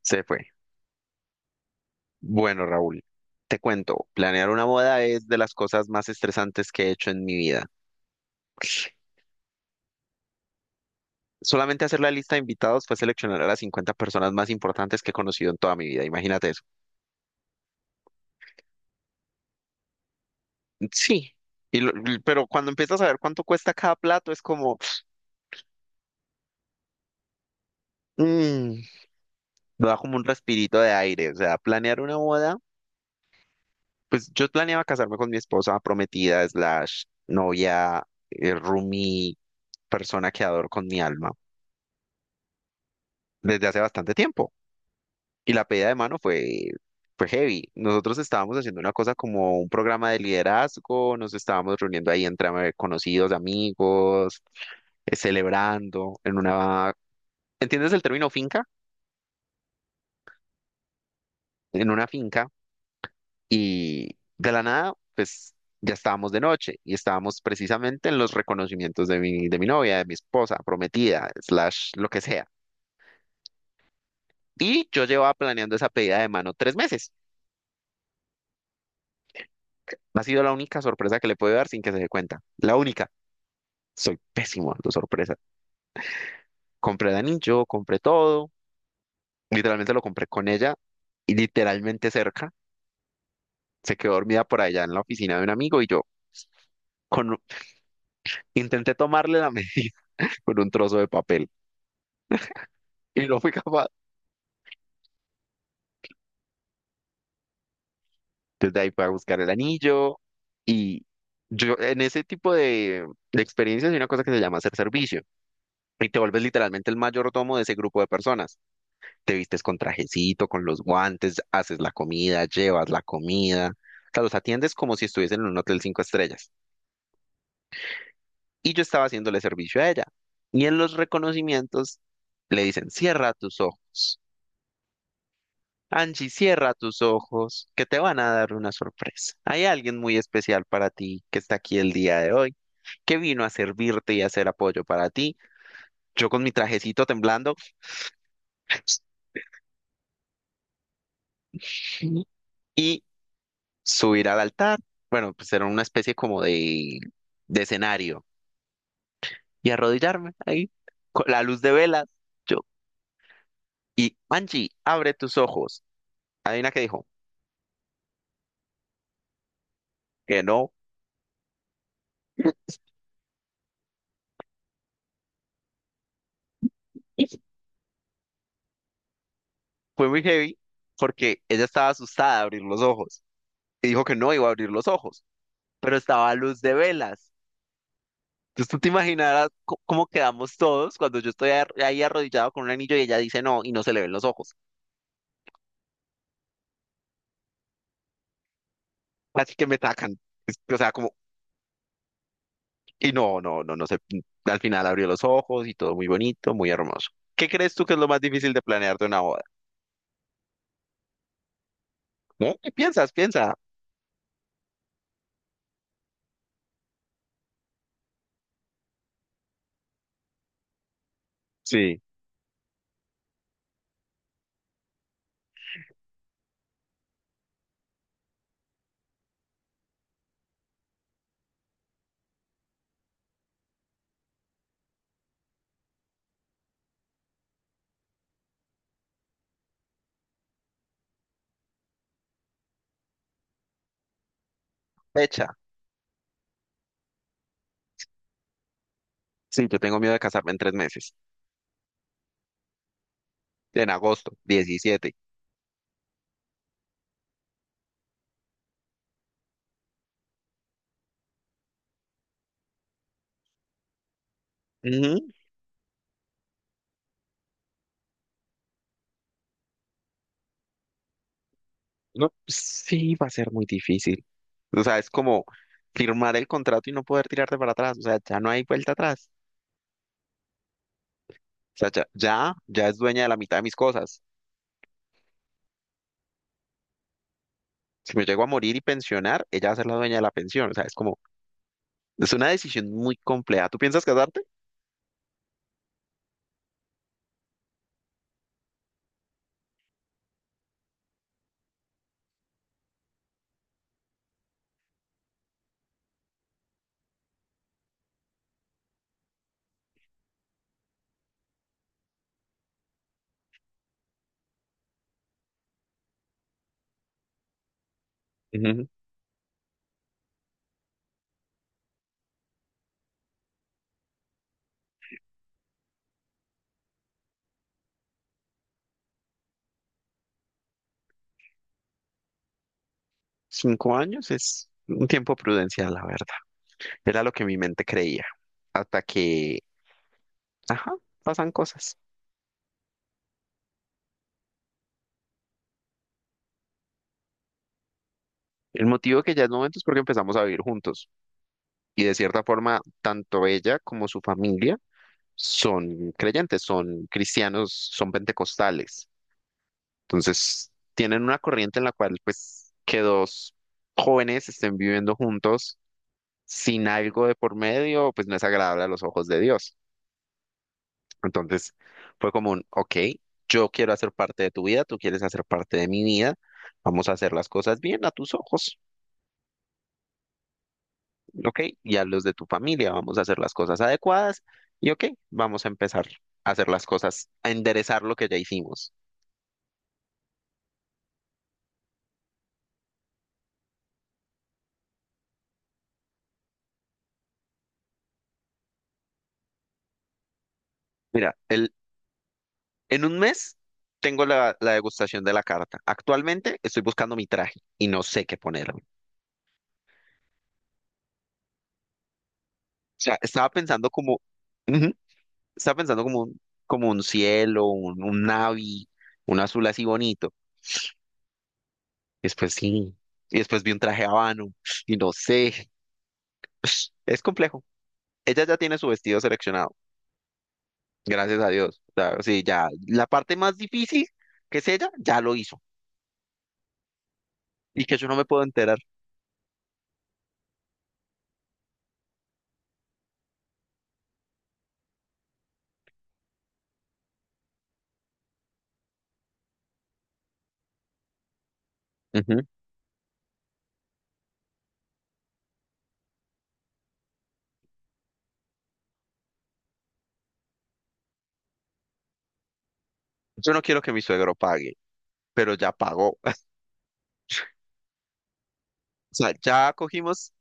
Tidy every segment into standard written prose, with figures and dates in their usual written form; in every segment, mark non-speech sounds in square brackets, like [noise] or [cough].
Se fue. Bueno, Raúl, te cuento, planear una boda es de las cosas más estresantes que he hecho en mi vida. Solamente hacer la lista de invitados fue seleccionar a las 50 personas más importantes que he conocido en toda mi vida, imagínate eso. Sí, y pero cuando empiezas a ver cuánto cuesta cada plato es como, mm, da como un respirito de aire, o sea, planear una boda, pues yo planeaba casarme con mi esposa prometida, slash, novia, roomie, persona que adoro con mi alma, desde hace bastante tiempo. Y la pedida de mano fue heavy. Nosotros estábamos haciendo una cosa como un programa de liderazgo, nos estábamos reuniendo ahí entre conocidos, amigos, celebrando en una, ¿entiendes el término finca? En una finca y de la nada, pues ya estábamos de noche y estábamos precisamente en los reconocimientos de mi novia, de mi esposa, prometida, slash, lo que sea. Y yo llevaba planeando esa pedida de mano 3 meses. No. Ha sido la única sorpresa que le puedo dar sin que se dé cuenta. La única. Soy pésimo dando sorpresa. Compré el anillo, compré todo. Literalmente lo compré con ella y literalmente cerca. Se quedó dormida por allá en la oficina de un amigo y yo con, intenté tomarle la medida [laughs] con un trozo de papel y no fui capaz. Desde ahí fui a buscar el anillo y yo en ese tipo de experiencias hay una cosa que se llama hacer servicio y te vuelves literalmente el mayordomo de ese grupo de personas. Te vistes con trajecito, con los guantes, haces la comida, llevas la comida, o sea, los atiendes como si estuviesen en un hotel 5 estrellas. Y yo estaba haciéndole servicio a ella. Y en los reconocimientos le dicen, cierra tus ojos. Angie, cierra tus ojos, que te van a dar una sorpresa. Hay alguien muy especial para ti que está aquí el día de hoy, que vino a servirte y a hacer apoyo para ti. Yo con mi trajecito temblando, [laughs] y subir al altar, bueno, pues era una especie como de escenario, y arrodillarme ahí, con la luz de velas, yo, y Angie, abre tus ojos. Adivina qué dijo, que no, fue muy heavy, porque ella estaba asustada de abrir los ojos, y dijo que no iba a abrir los ojos, pero estaba a luz de velas. Entonces tú te imaginarás cómo quedamos todos cuando yo estoy ahí arrodillado con un anillo y ella dice no, y no se le ven los ojos. Así que me tacan. O sea, como. Y no sé. Al final abrió los ojos y todo muy bonito, muy hermoso. ¿Qué crees tú que es lo más difícil de planear de una boda? ¿No? ¿Qué piensas? Piensa. Sí. Fecha. Sí, yo tengo miedo de casarme en 3 meses. En agosto, 17. Ujú. No, sí, va a ser muy difícil. O sea, es como firmar el contrato y no poder tirarte para atrás. O sea, ya no hay vuelta atrás. O sea, ya, ya, ya es dueña de la mitad de mis cosas. Si me llego a morir y pensionar, ella va a ser la dueña de la pensión. O sea, es como, es una decisión muy compleja. ¿Tú piensas casarte? 5 años es un tiempo prudencial, la verdad. Era lo que mi mente creía. Hasta que, ajá, pasan cosas. El motivo que ya es momento es porque empezamos a vivir juntos. Y de cierta forma, tanto ella como su familia son creyentes, son cristianos, son pentecostales. Entonces, tienen una corriente en la cual, pues, que dos jóvenes estén viviendo juntos sin algo de por medio, pues no es agradable a los ojos de Dios. Entonces fue como un, ok, yo quiero hacer parte de tu vida, tú quieres hacer parte de mi vida, vamos a hacer las cosas bien a tus ojos, ok, y a los de tu familia, vamos a hacer las cosas adecuadas y ok, vamos a empezar a hacer las cosas, a enderezar lo que ya hicimos. Mira, el, en un mes tengo la, degustación de la carta. Actualmente estoy buscando mi traje y no sé qué ponerme. O sea, estaba pensando como, ujú, estaba pensando como un cielo, un navy, un azul así bonito. Y después sí. Y después vi un traje habano. Y no sé. [laughs] [sniffs] Es complejo. Ella ya tiene su vestido seleccionado. Gracias a Dios. O sea, sí, ya. La parte más difícil, que es ella, ya lo hizo. Y que yo no me puedo enterar. Ujú. Yo no quiero que mi suegro pague, pero ya pagó. [laughs] O sea, ya cogimos,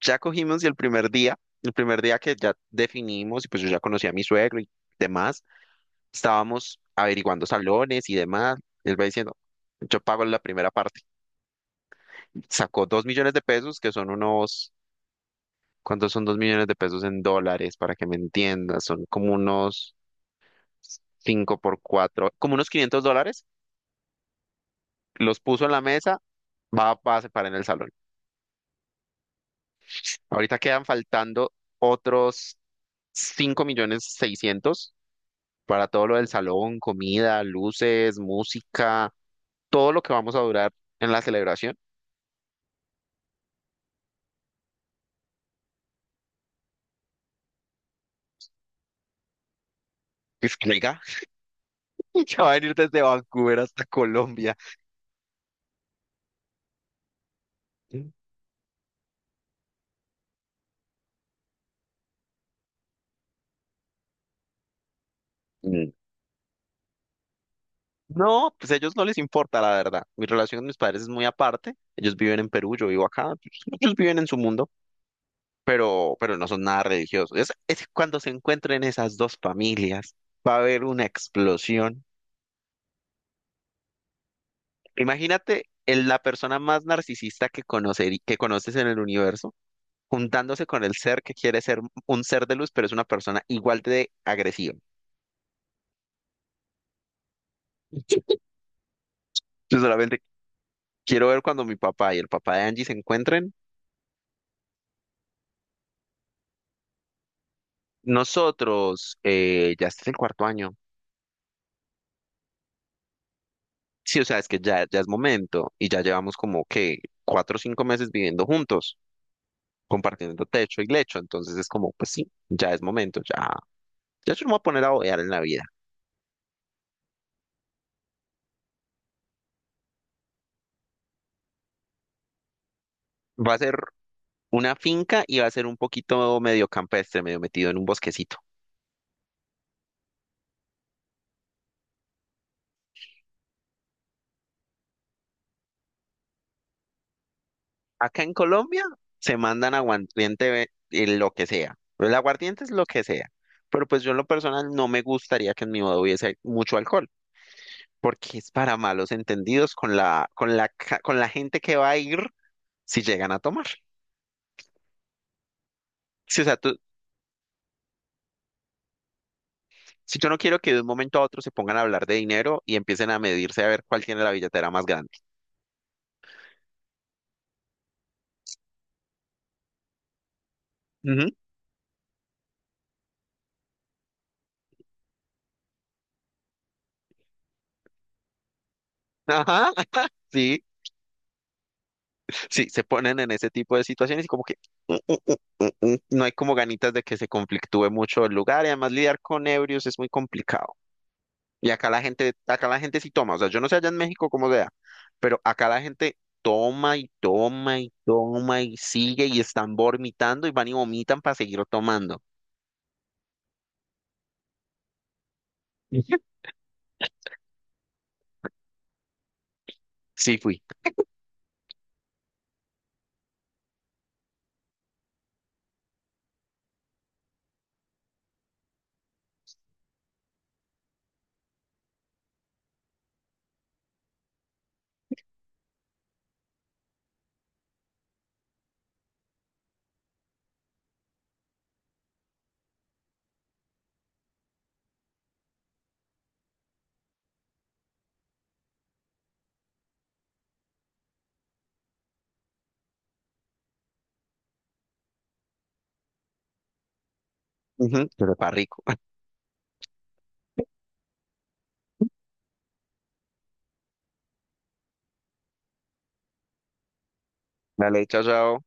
ya cogimos y el primer día que ya definimos, y pues yo ya conocí a mi suegro y demás, estábamos averiguando salones y demás. Él va diciendo, yo pago la primera parte. Sacó 2 millones de pesos, que son unos, ¿cuántos son 2 millones de pesos en dólares? Para que me entiendas, son como unos cinco por cuatro, como unos 500 dólares, los puso en la mesa, va a separar en el salón. Ahorita quedan faltando otros 5 millones 600 para todo lo del salón, comida, luces, música, todo lo que vamos a durar en la celebración. Es que, oiga, [laughs] ya va a venir desde Vancouver hasta Colombia. Mm. No, pues a ellos no les importa, la verdad. Mi relación con mis padres es muy aparte. Ellos viven en Perú, yo vivo acá. Ellos viven en su mundo, pero no son nada religiosos. Es cuando se encuentren esas dos familias, va a haber una explosión. Imagínate la persona más narcisista que conoces en el universo, juntándose con el ser que quiere ser un ser de luz, pero es una persona igual de agresiva. [laughs] Yo solamente quiero ver cuando mi papá y el papá de Angie se encuentren. Nosotros, ya este es el cuarto año. Sí, o sea, es que ya, ya es momento y ya llevamos como que 4 o 5 meses viviendo juntos, compartiendo techo y lecho, entonces es como, pues sí, ya es momento, ya, ya yo no me voy a poner a bodear en la vida. Va a ser una finca y va a ser un poquito medio campestre, medio metido en un bosquecito. Acá en Colombia se mandan aguardiente en lo que sea, el aguardiente es lo que sea, pero pues yo en lo personal no me gustaría que en mi boda hubiese mucho alcohol, porque es para malos entendidos con la gente que va a ir si llegan a tomar. Si, o sea, si yo no quiero que de un momento a otro se pongan a hablar de dinero y empiecen a medirse a ver cuál tiene la billetera más grande. Ujú. Ajá, [laughs] sí, sí, se ponen en ese tipo de situaciones y como que mm, mm, no hay como ganitas de que se conflictúe mucho el lugar y además lidiar con ebrios es muy complicado. Y acá la gente sí toma, o sea, yo no sé allá en México cómo sea, pero acá la gente toma y toma y toma y sigue y están vomitando y van y vomitan para seguir tomando. [laughs] Sí fui. Ujú, que sepa rico. [laughs] La leche asada